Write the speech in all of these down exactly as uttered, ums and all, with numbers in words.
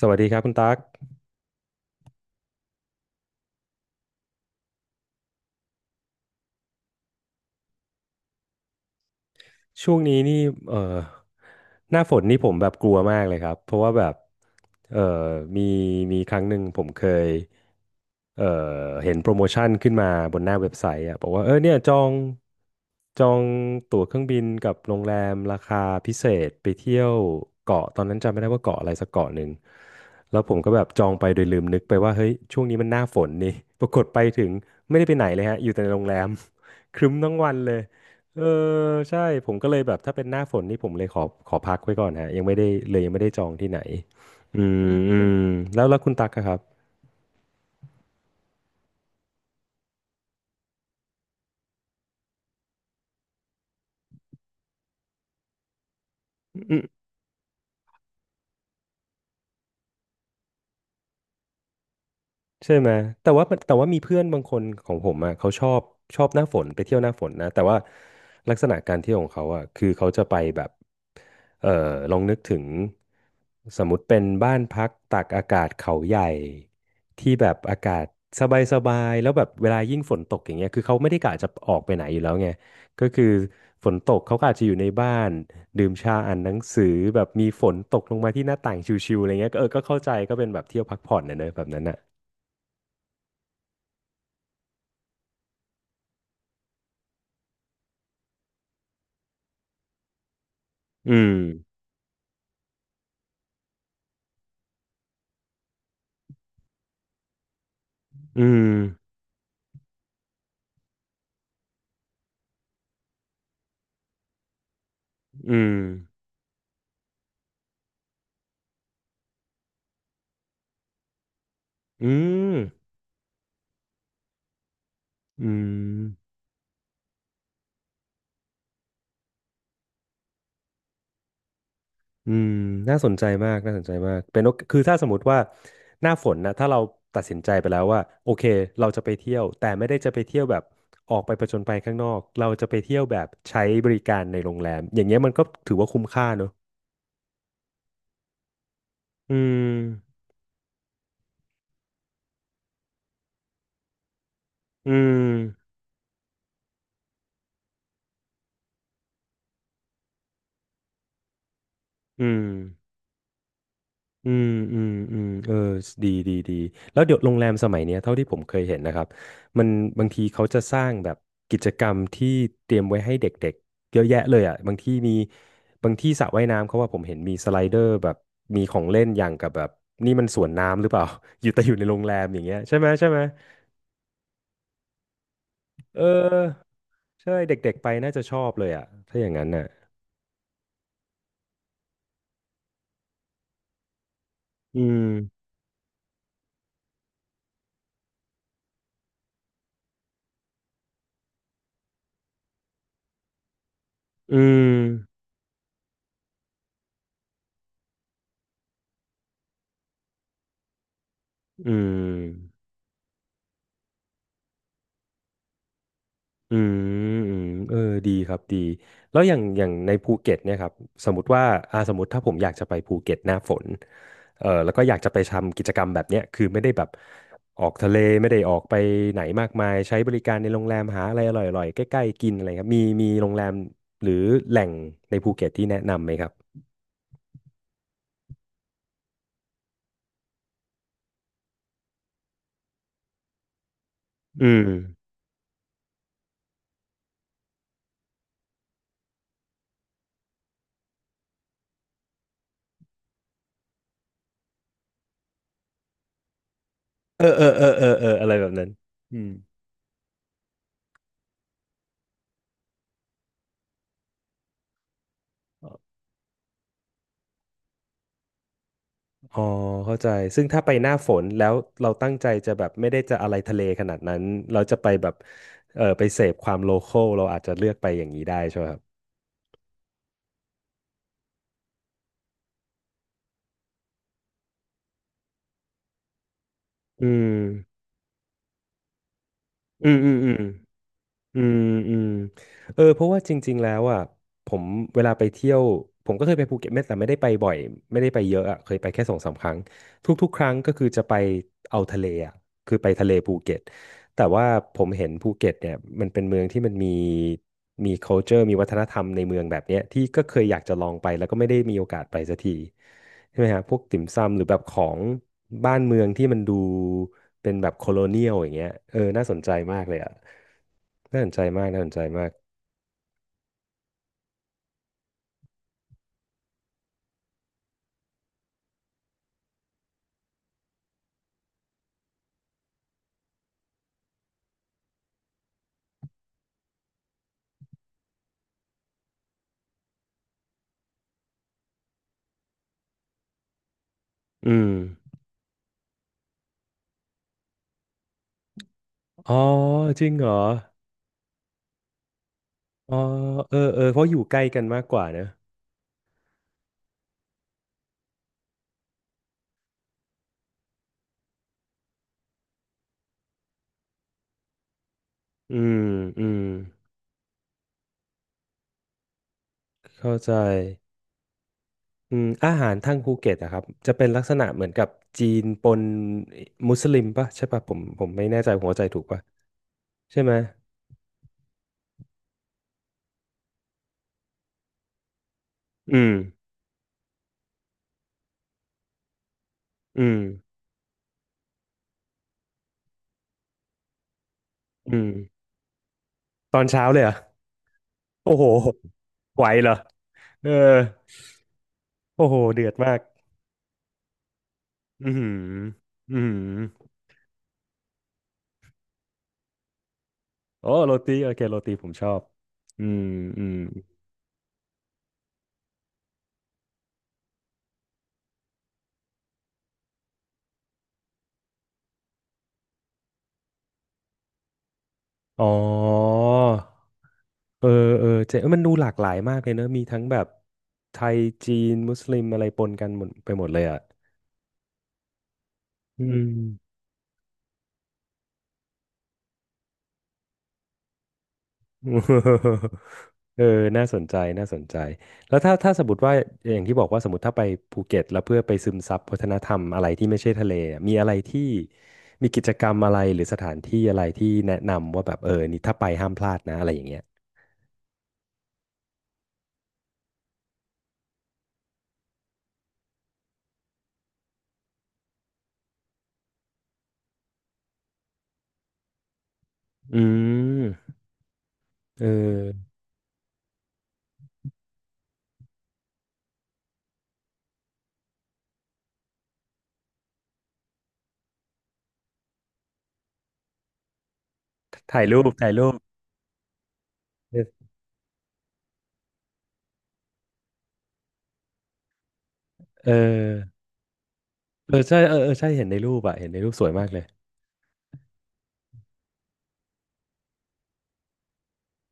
สวัสดีครับคุณตั๊กช่วงนี้นี่เอ่อหน้าฝนนี่ผมแบบกลัวมากเลยครับ เพราะว่าแบบเอ่อมีมีครั้งหนึ่งผมเคยเอ่อเห็นโปรโมชั่นขึ้นมาบนหน้าเว็บไซต์อ่ะบอกว่าเออเนี่ยจองจองตั๋วเครื่องบินกับโรงแรมราคาพิเศษไปเที่ยวเกาะตอนนั้นจำไม่ได้ว่าเกาะอะไรสักเกาะหนึ่ง แล้วผมก็แบบจองไปโดยลืมนึกไปว่าเฮ้ยช่วงนี้มันหน้าฝนนี่ ปรากฏไปถึงไม่ได้ไปไหนเลยฮะอยู่แต่ในโรงแรม ครึ้มทั้งวันเลย เออใช่ผมก็เลยแบบถ้าเป็นหน้าฝนนี่ผมเลยขอขอพักไว้ก่อนฮะยังไม่ได้เลยยังไม่ได้จองที่ไหนอืมอืมแล้วแล้วคุณตักอะครับ ใช่ไหมแต่ว่าแต่ว่ามีเพื่อนบางคนของผมอ่ะเขาชอบชอบหน้าฝนไปเที่ยวหน้าฝนนะแต่ว่าลักษณะการเที่ยวของเขาอ่ะคือเขาจะไปแบบเอ่อลองนึกถึงสมมติเป็นบ้านพักตากอากาศเขาใหญ่ที่แบบอากาศสบายสบายแล้วแบบเวลายิ่งฝนตกอย่างเงี้ยคือเขาไม่ได้กะจะออกไปไหนอยู่แล้วไงก็คือฝนตกเขาก็อาจจะอยู่ในบ้านดื่มชาอ่านหนังสือแบบมีฝนตกลงมาที่หน้าต่างชิวๆอะไรเงี้ยก็เออก็เข้าใจก็เป็นแบบเที่ยวพักผ่อนนะเนอะแบบนั้นอ่ะ อืมอืมอืมอืมอืมอืมน่าสนใจมากน่าสนใจมากเป็นโอคือถ้าสมมติว่า หน้าฝนนะถ้าเราตัดสินใจไปแล้วว่าโอเคเราจะไปเที่ยว แต่ไม่ได้จะไปเที่ยวแบบออกไปผจญภัยข้างนอกเราจะไปเที่ยวแบบใช้บริการในโรงแรมอย่างเงี้ยมันก็ถือว่าคุ้มค่าเนอะอืมอืมอืม อืมอืมอืมเออดีดีดีแล้วเดี๋ยวโรงแรมสมัยเนี้ยเท่าที่ผมเคยเห็นนะครับมันบางทีเขาจะสร้างแบบกิจกรรมที่เตรียมไว้ให้เด็กๆเยอะแยะเลยอ่ะบางที่มีบางที่สระว่ายน้ำเขาว่าผมเห็นมีสไลเดอร์แบบมีของเล่นอย่างกับแบบนี่มันสวนน้ำหรือเปล่า อยู่แต่อยู่ในโรงแรมอย่างเงี้ยใช่ไหมใช่ไหมเออใช่เด็กๆไปน่าจะชอบเลยอ่ะถ้าอย่างนั้นน่ะอืมอืมอืม อืมอืมเออดีครับดีแล้วอย่างอย่างในภูเก็ตเนี่ยครับสมมติว่าอ่าสมมติถ้าผมอยากจะไปภูเก็ตหน้าฝนเออแล้วก็อยากจะไปทำกิจกรรมแบบเนี้ยคือไม่ได้แบบออกทะเลไม่ได้ออกไปไหนมากมายใช้บริการในโรงแรมหาอะไรอร่อยๆใกล้ๆกินอะไรครับมีมีโรงแรมหรือแหล่งในภูเก็ตที่แนะนำไหมครับอืมเออเออเออเออเอออะไรแบบนั้นอืม อ๋อเข้าใจซึ่งถ้าไปหน้าฝนแล้วเราตั้งใจจะแบบไม่ได้จะอะไรทะเลขนาดนั้นเราจะไปแบบเออไปเสพความโลคอลเราอาจจะเลือกไปอย่างนี้ได้ใช่ไหมครับอืมอืมอืมอืม อืมอืมเออเพราะว่าจริงๆแล้วอ่ะผมเวลาไปเที่ยวผมก็เคยไปภูเก็ตไม่แต่ไม่ได้ไปบ่อยไม่ได้ไปเยอะอ่ะเคยไปแค่สองสามครั้งทุกๆครั้งก็คือจะไปเอาทะเลอ่ะคือไปทะเลภูเก็ตแต่ว่าผมเห็นภูเก็ตเนี่ยมันเป็นเมืองที่มันมีมี culture มีวัฒนธรรมในเมืองแบบเนี้ยที่ก็เคยอยากจะลองไปแล้วก็ไม่ได้มีโอกาสไปสักที ใช่ไหมฮะพวกติ่มซำหรือแบบของบ้านเมืองที่มันดูเป็นแบบโคโลเนียลอย่างเงี้ยเออน่าสนใจมากเลยอ่ะน่าสนใจมากน่าสนใจมากอืมอ๋อจริงเหรออ๋อเออเออเพราะอยู่ใกล้กันมากกว่าเนอะอืมอืมเข้าใจอืมอาหารทางภูเก็ตอะครับจะเป็นลักษณะเหมือนกับจีนปนมุสลิมปะใช่ปะผมผมไม่แน่ใจผมเข้าใจถูกปะใช่ไหมอืมอืมอืมตอนเช้าเลยเหรอ โอ้โหไหวเหรอเออโอ้โห เดือดมากอือหืออือหือโอ้โรตีโอเคโรตีผมชอบ อืม อืม อ๋อ เออ เออเจ๊เอ้ยมันดูหลากหลายมากเลยเนอะ มีทั้งแบบไทยจีนมุสลิมอะไรปนกันหมดไปหมดเลยอ่ะอืม เออน่าสนใจน่าสนใจ แล้วถ้าถ้าสมมติว่าอย่างที่บอกว่าสมมติถ้าไปภูเก็ตแล้วเพื่อไปซึมซับวัฒนธรรมอะไรที่ไม่ใช่ทะเลอะมีอะไรที่มีกิจกรรมอะไรหรือสถานที่อะไรที่แนะนำว่าแบบเออนี่ถ้าไปห้ามพลาดนะอะไรอย่างเงี้ยอืมเออถ่ายรูปถ่ายรูปเออเออใช่เออเออใช่เห็นในรูปอะเห็นในรูปสวยมากเลย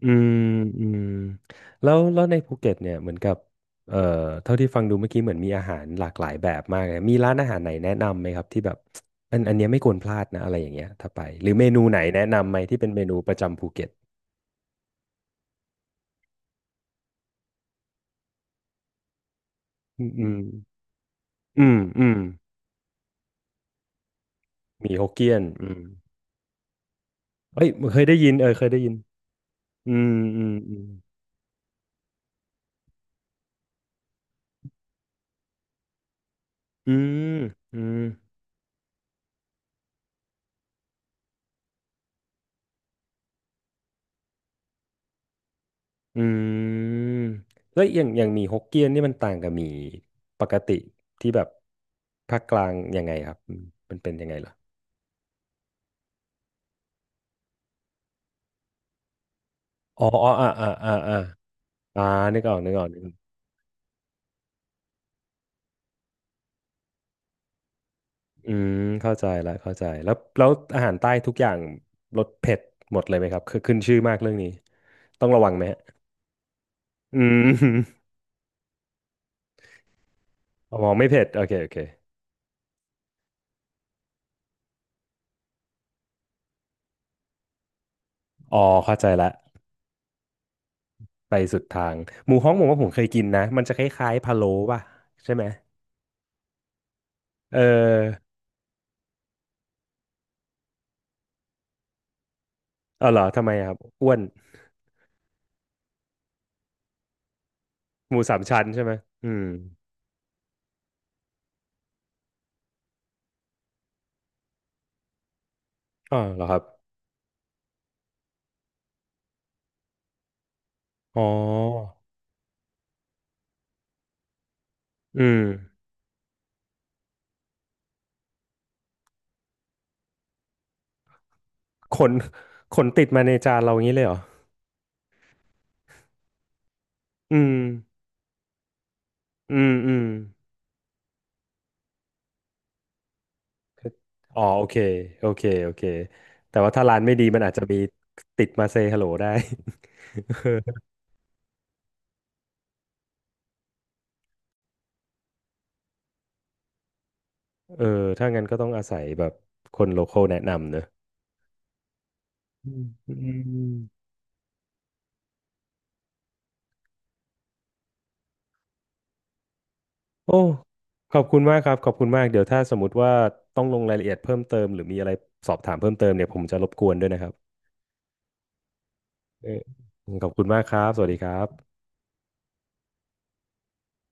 อืมอืมแล้วแล้วในภูเก็ตเนี่ยเหมือนกับเอ่อเท่าที่ฟังดูเมื่อกี้เหมือนมีอาหารหลากหลายแบบมากเลยมีร้านอาหารไหนแนะนำไหมครับที่แบบอันอันเนี้ยไม่ควรพลาดนะอะไรอย่างเงี้ยถ้าไปหรือเมนูไหนแนะนำไหมที่เป็นเมนูประจำภูเก็ตอืมอืมอืมอืมมีฮกเกี้ยนอืมเอ้ยเคยได้ยินเออเคยได้ยินอืมอืมอืมอืมอืม อืมแล้วอย่างอย่างหมี่ฮกเกี้ยนนี่มันต่างกับหมี่ปกติที่แบบภาคกลางยังไงครับอืมมันเป็นยังไงเหรออ๋ออ๋ออ่าอ่าอ่าอ่าอ่านึกออกนึกออกนึกออกอืมเข้าใจละเข้าใจแล้วแล้วอาหารใต้ทุกอย่างรสเผ็ดหมดเลยไหมครับคือขึ้นชื่อมากเรื่องนี้ต้องระวังไหมฮะอืม อ๋อไม่เผ็ดโอเคโอเคอ๋อเข้าใจละไปสุดทางหมูฮ้องผมว่าผมเคยกินนะมันจะคล้ายๆพะโล้ป่ะใช่ไหมเออ เออเหรอ ทำไมอะครับอ้วนหมูสามชั้นใช่ไหมอืมอ๋อเหรอครับ อ๋อ อืมขน ขนติดมาในจานเราอย่างนี้เลยเหรอ อืม อืม อืมคืออ๋อโอเค โอเค โอเค แต่ว่าถ้าร้านไม่ดีมันอาจจะมีติดมาเซฮัลโหลได้ เออ ถ้างั้นก็ต้องอาศัยแบบคนโลคอลแนะนำเนอะอืมอืม โอ้ขอบคุณมากครับขอบคุณมากเดี๋ยวถ้าสมมติว่าต้องลงรายละเอียดเพิ่มเติมหรือมีอะไรสอบถามเพิ่มเติมเนี่ยผมจะรบกวนด้วยนะครับเออขอบคุณมากครับสวัสดีครับ